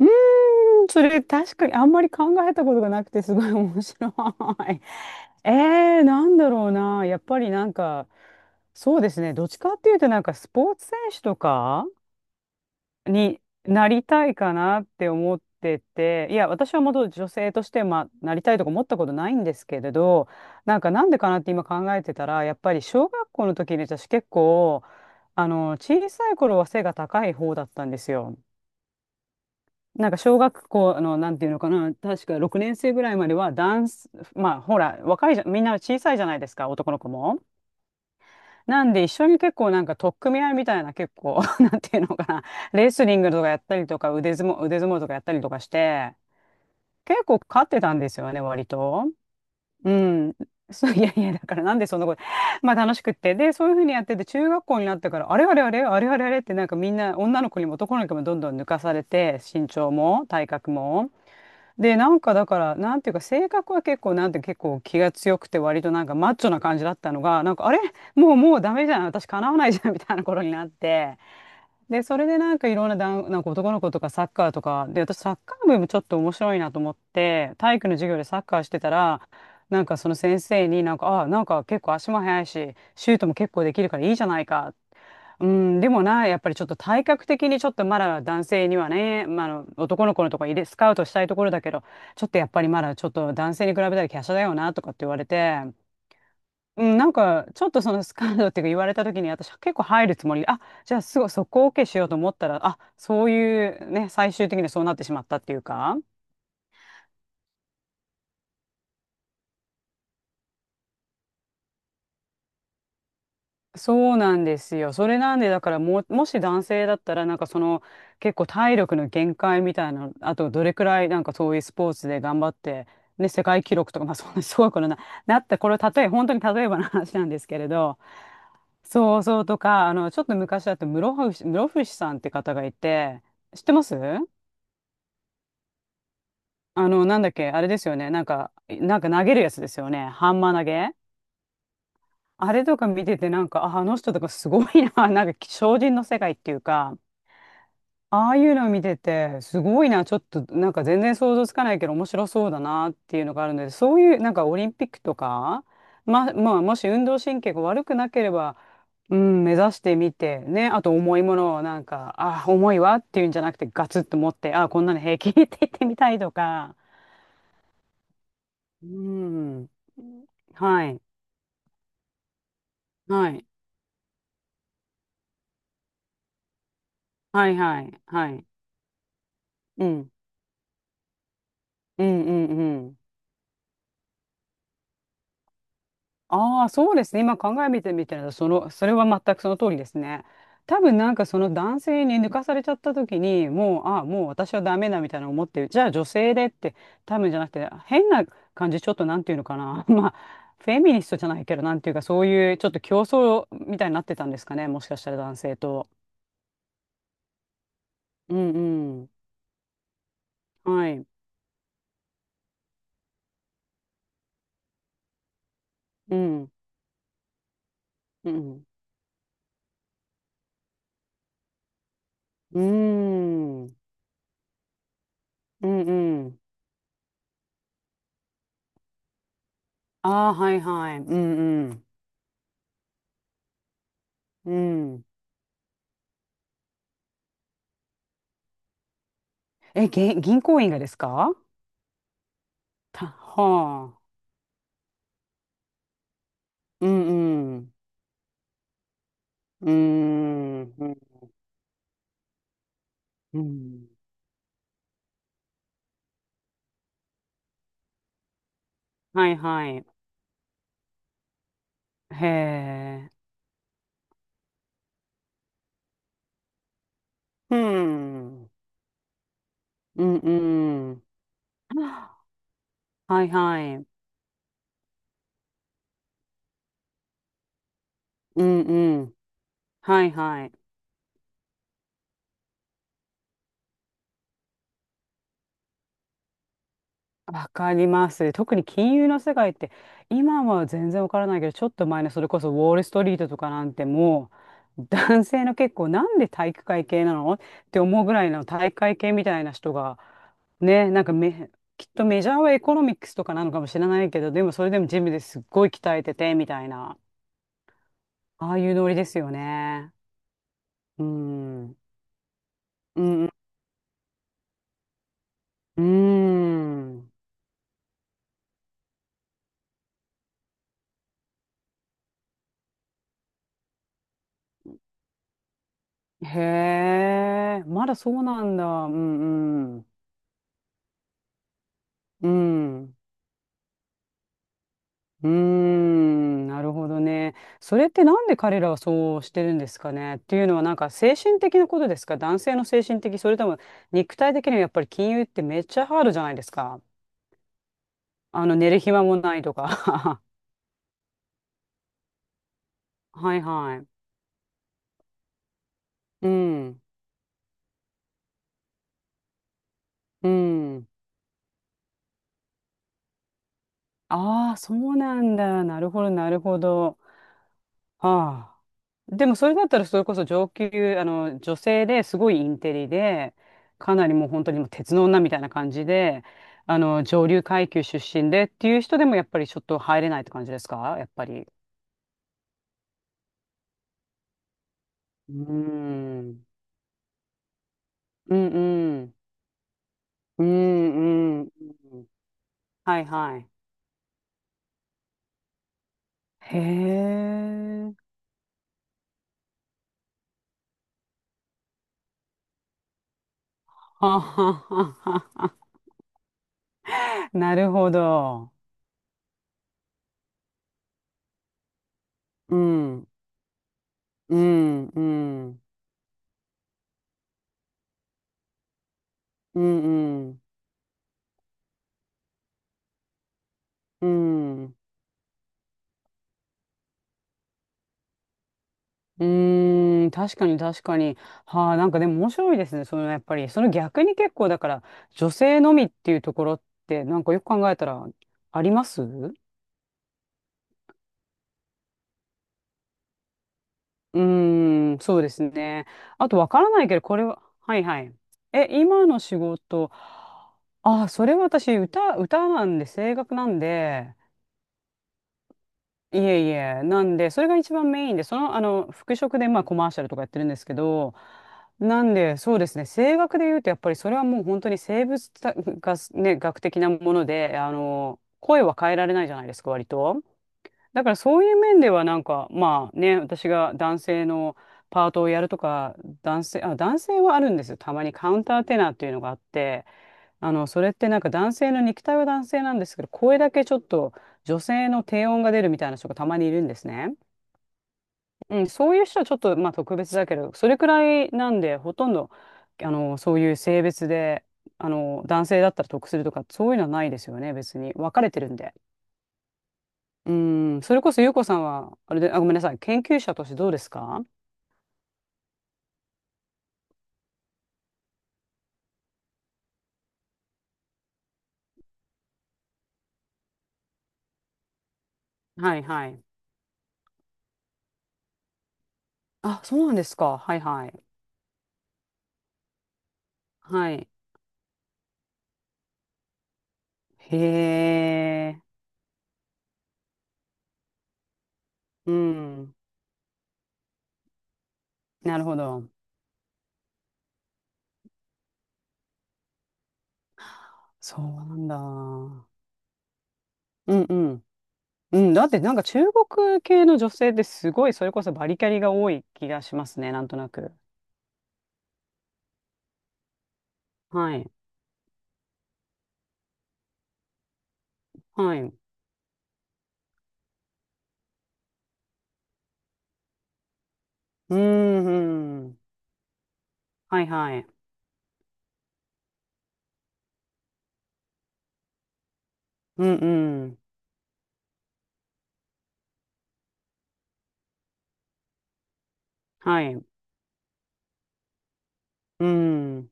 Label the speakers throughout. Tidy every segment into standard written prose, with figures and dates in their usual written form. Speaker 1: うーそれ確かにあんまり考えたことがなくてすごい面白い。なんだろうな。やっぱりなんか、そうですね。どっちかっていうとなんかスポーツ選手とかになりたいかなって思ってて、いや、私はもと女性として、まあ、なりたいとか思ったことないんですけれど、なんかなんでかなって今考えてたら、やっぱり小学校の時に私結構、あの、小さい頃は背が高い方だったんですよ。なんか小学校の、なんていうのかな、確か6年生ぐらいまではダンス、まあほら、若いじゃ、みんな小さいじゃないですか、男の子も。なんで一緒に結構なんか取っ組み合いみたいな結構、なんていうのかな、レスリングとかやったりとか、腕相撲とかやったりとかして、結構勝ってたんですよね、割と。うん。そう、いやいや、だからなんでそんなこと、まあ楽しくって。で、そういうふうにやってて、中学校になってから、あれあれあれ、あれあれあれってなんかみんな女の子にも男の子にもどんどん抜かされて、身長も体格も。で、なんかだから、なんていうか、性格は結構気が強くて、割となんかマッチョな感じだったのが、なんか、あれもう、もうダメじゃん。私、叶わないじゃん、みたいな頃になって。で、それでなんかいろんな男、なんか男の子とかサッカーとか、で、私サッカー部もちょっと面白いなと思って、体育の授業でサッカーしてたら、なんかその先生になんか、あ、なんか結構足も速いし、シュートも結構できるからいいじゃないか。うん、でもな、やっぱりちょっと体格的にちょっとまだ男性にはね、まあ、あの男の子のとこ入れ、スカウトしたいところだけど、ちょっとやっぱりまだちょっと男性に比べたら華奢だよなとかって言われて、うん、なんか、ちょっとそのスカンドっていうか言われた時に、私は結構入るつもり、あ、じゃあすぐそこを OK しようと思ったら、あ、そういうね、最終的にはそうなってしまったっていうか、そうなんですよ。それなんで、だからもう、もし男性だったら、結構体力の限界みたいな、あとどれくらいなんかそういうスポーツで頑張って、ね、世界記録とか、まあそんなすごいことな、なった、これは例え、本当に例えばの話なんですけれど、そうそうとか、あの、ちょっと昔だと室伏さんって方がいて、知ってますあの、なんだっけ、あれですよね。なんか投げるやつですよね。ハンマー投げ。あれとか見てて、なんか、あ、あの人とかすごいな。なんか、精進の世界っていうか、ああいうのを見てて、すごいな。ちょっと、なんか全然想像つかないけど、面白そうだなっていうのがあるので、そういう、なんかオリンピックとか、まあ、もし運動神経が悪くなければ、うん、目指してみて、ね。あと、重いものを、重いわっていうんじゃなくて、ガツッと持って、あ、こんなの平気 って言ってみたいとか。うん。はい。はい。はいはい。はい。うん。うんうんうん。ああ、そうですね。今考えてみたら、その、それは全くその通りですね。多分なんかその男性に抜かされちゃった時に、もう、ああ、もう私はダメだみたいな思ってじゃあ女性でって、多分じゃなくて、変な感じ、ちょっとなんていうのかな。まあ、フェミニストじゃないけど、なんていうか、そういうちょっと競争みたいになってたんですかね。もしかしたら男性と。うんうん。はい。うん。うん。うーん。うんうん。ああ、はいはい。うんうん。うん。え、銀行員がですか？はあ。うんうん。うーん。うんうん。はいはい。へえ。うん。うんうん。はいはい。うんうん。はいはい。わかります。特に金融の世界って今は全然わからないけど、ちょっと前のそれこそウォール・ストリートとかなんてもう男性の、結構なんで体育会系なのって思うぐらいの体育会系みたいな人が、ねなんかめきっとメジャーはエコノミックスとかなのかもしれないけど、でもそれでもジムですっごい鍛えててみたいな、ああいうノリですよね。うん。うんうん。んへえ、まだそうなんだ。うんうん。うん。うーん、なるほどね。それってなんで彼らはそうしてるんですかねっていうのは、なんか精神的なことですか？男性の精神的、それとも肉体的にはやっぱり金融ってめっちゃハードじゃないですか。あの寝る暇もないとか。はいはい。うん。うん。ああ、そうなんだ。なるほど、なるほど。はあ。でもそれだったら、それこそ上級、あの、女性ですごいインテリで、かなりもう本当にもう鉄の女みたいな感じで、あの、上流階級出身でっていう人でも、やっぱりちょっと入れないって感じですか、やっぱり。うーん。うんうん。うんうん。はいはい。へえ。はははは。なるほど。うん。うんうん。うんうん。うん、うーん、確かに確かに。はあ、なんかでも面白いですね。そのやっぱり、その逆に結構だから、女性のみっていうところって、なんかよく考えたら、ありますうーん、そうですね。あとわからないけど、これは、はいはい。え、今の仕事、あ、それは私、歌なんで、声楽なんで、いえいえ、なんで、それが一番メインで、その、あの、服飾で、まあ、コマーシャルとかやってるんですけど、なんで、そうですね、声楽で言うと、やっぱりそれはもう本当に生物たが、ね、学的なもので、あの、声は変えられないじゃないですか、割と。だからそういう面では、なんか、まあね、私が男性のパートをやるとか、男性はあるんですよ。たまにカウンターテナーっていうのがあって、あの、それってなんか男性の肉体は男性なんですけど、声だけちょっと女性の低音が出るみたいな人がたまにいるんですね。うん、そういう人はちょっとまあ特別だけど、それくらいなんで、ほとんど、あの、そういう性別で、あの、男性だったら得するとか、そういうのはないですよね、別に。分かれてるんで。うん、それこそゆうこさんは、あれで、あ、ごめんなさい、研究者としてどうですか？はいはい。あ、そうなんですか。はいはい。はい。へえ。うん。なるほど。そうなんだ。うんうん。うん、だってなんか中国系の女性ってすごいそれこそバリキャリが多い気がしますね、なんとなく。はい。はい。うーん、うん。はいはい。うん、うん。はい。うん。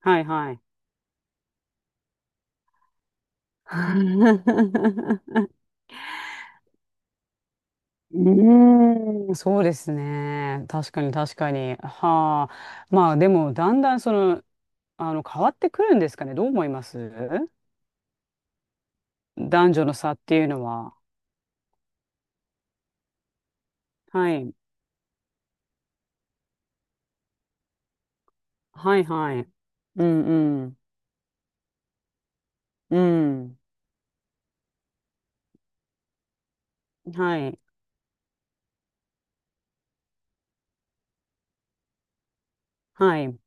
Speaker 1: はいはい。うーん、そうですね。確かに確かに。はあ。まあでも、だんだんその、あの、変わってくるんですかね。どう思います？男女の差っていうのは。はい。はいはい。うんうん。うん。はい。はい。うん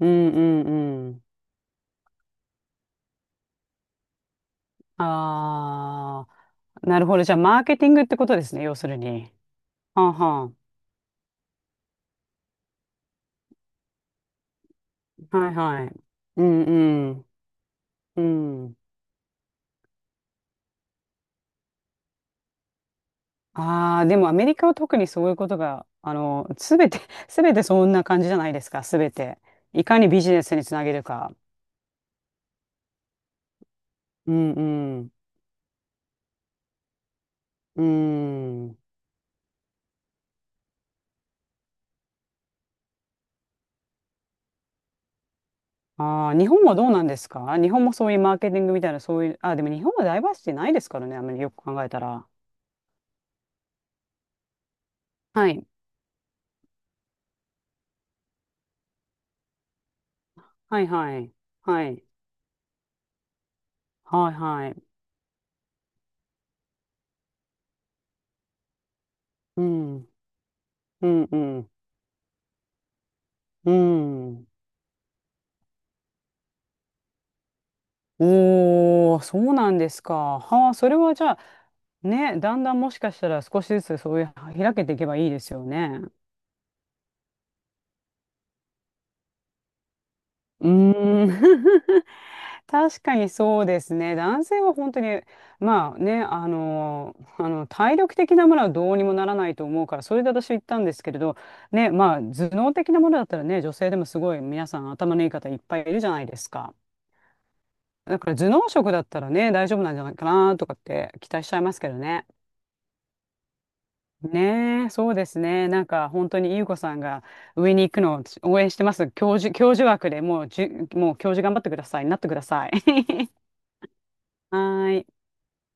Speaker 1: うんうん。ああ、なるほど。じゃあ、マーケティングってことですね。要するに。はあはあ。はいはい。うんうんうん。ああ、でもアメリカは特にそういうことが、あの、すべて、すべてそんな感じじゃないですか。すべて。いかにビジネスにつなげるか。うんうん。うん。ああ、日本はどうなんですか？日本もそういうマーケティングみたいな、そういう、あ、でも日本はダイバーシティないですからね、あんまりよく考えたら。はい。はい、はい。はい。はい、はい。うん。うん、うん。うん。おー、そうなんですか。はあ、それはじゃあ、ね、だんだんもしかしたら少しずつそういう、開けていけばいいですよね。うーん。確かにそうですね。男性は本当に、まあね、あの、あの体力的なものはどうにもならないと思うから、それで私は言ったんですけれど、ね、まあ頭脳的なものだったらね、女性でもすごい皆さん頭のいい方いっぱいいるじゃないですか。だから頭脳職だったらね、大丈夫なんじゃないかなとかって期待しちゃいますけどね。ねえ、そうですね。なんか本当に優子さんが上に行くのを応援してます。教授枠で、もう教授頑張ってください。なってください。はーい。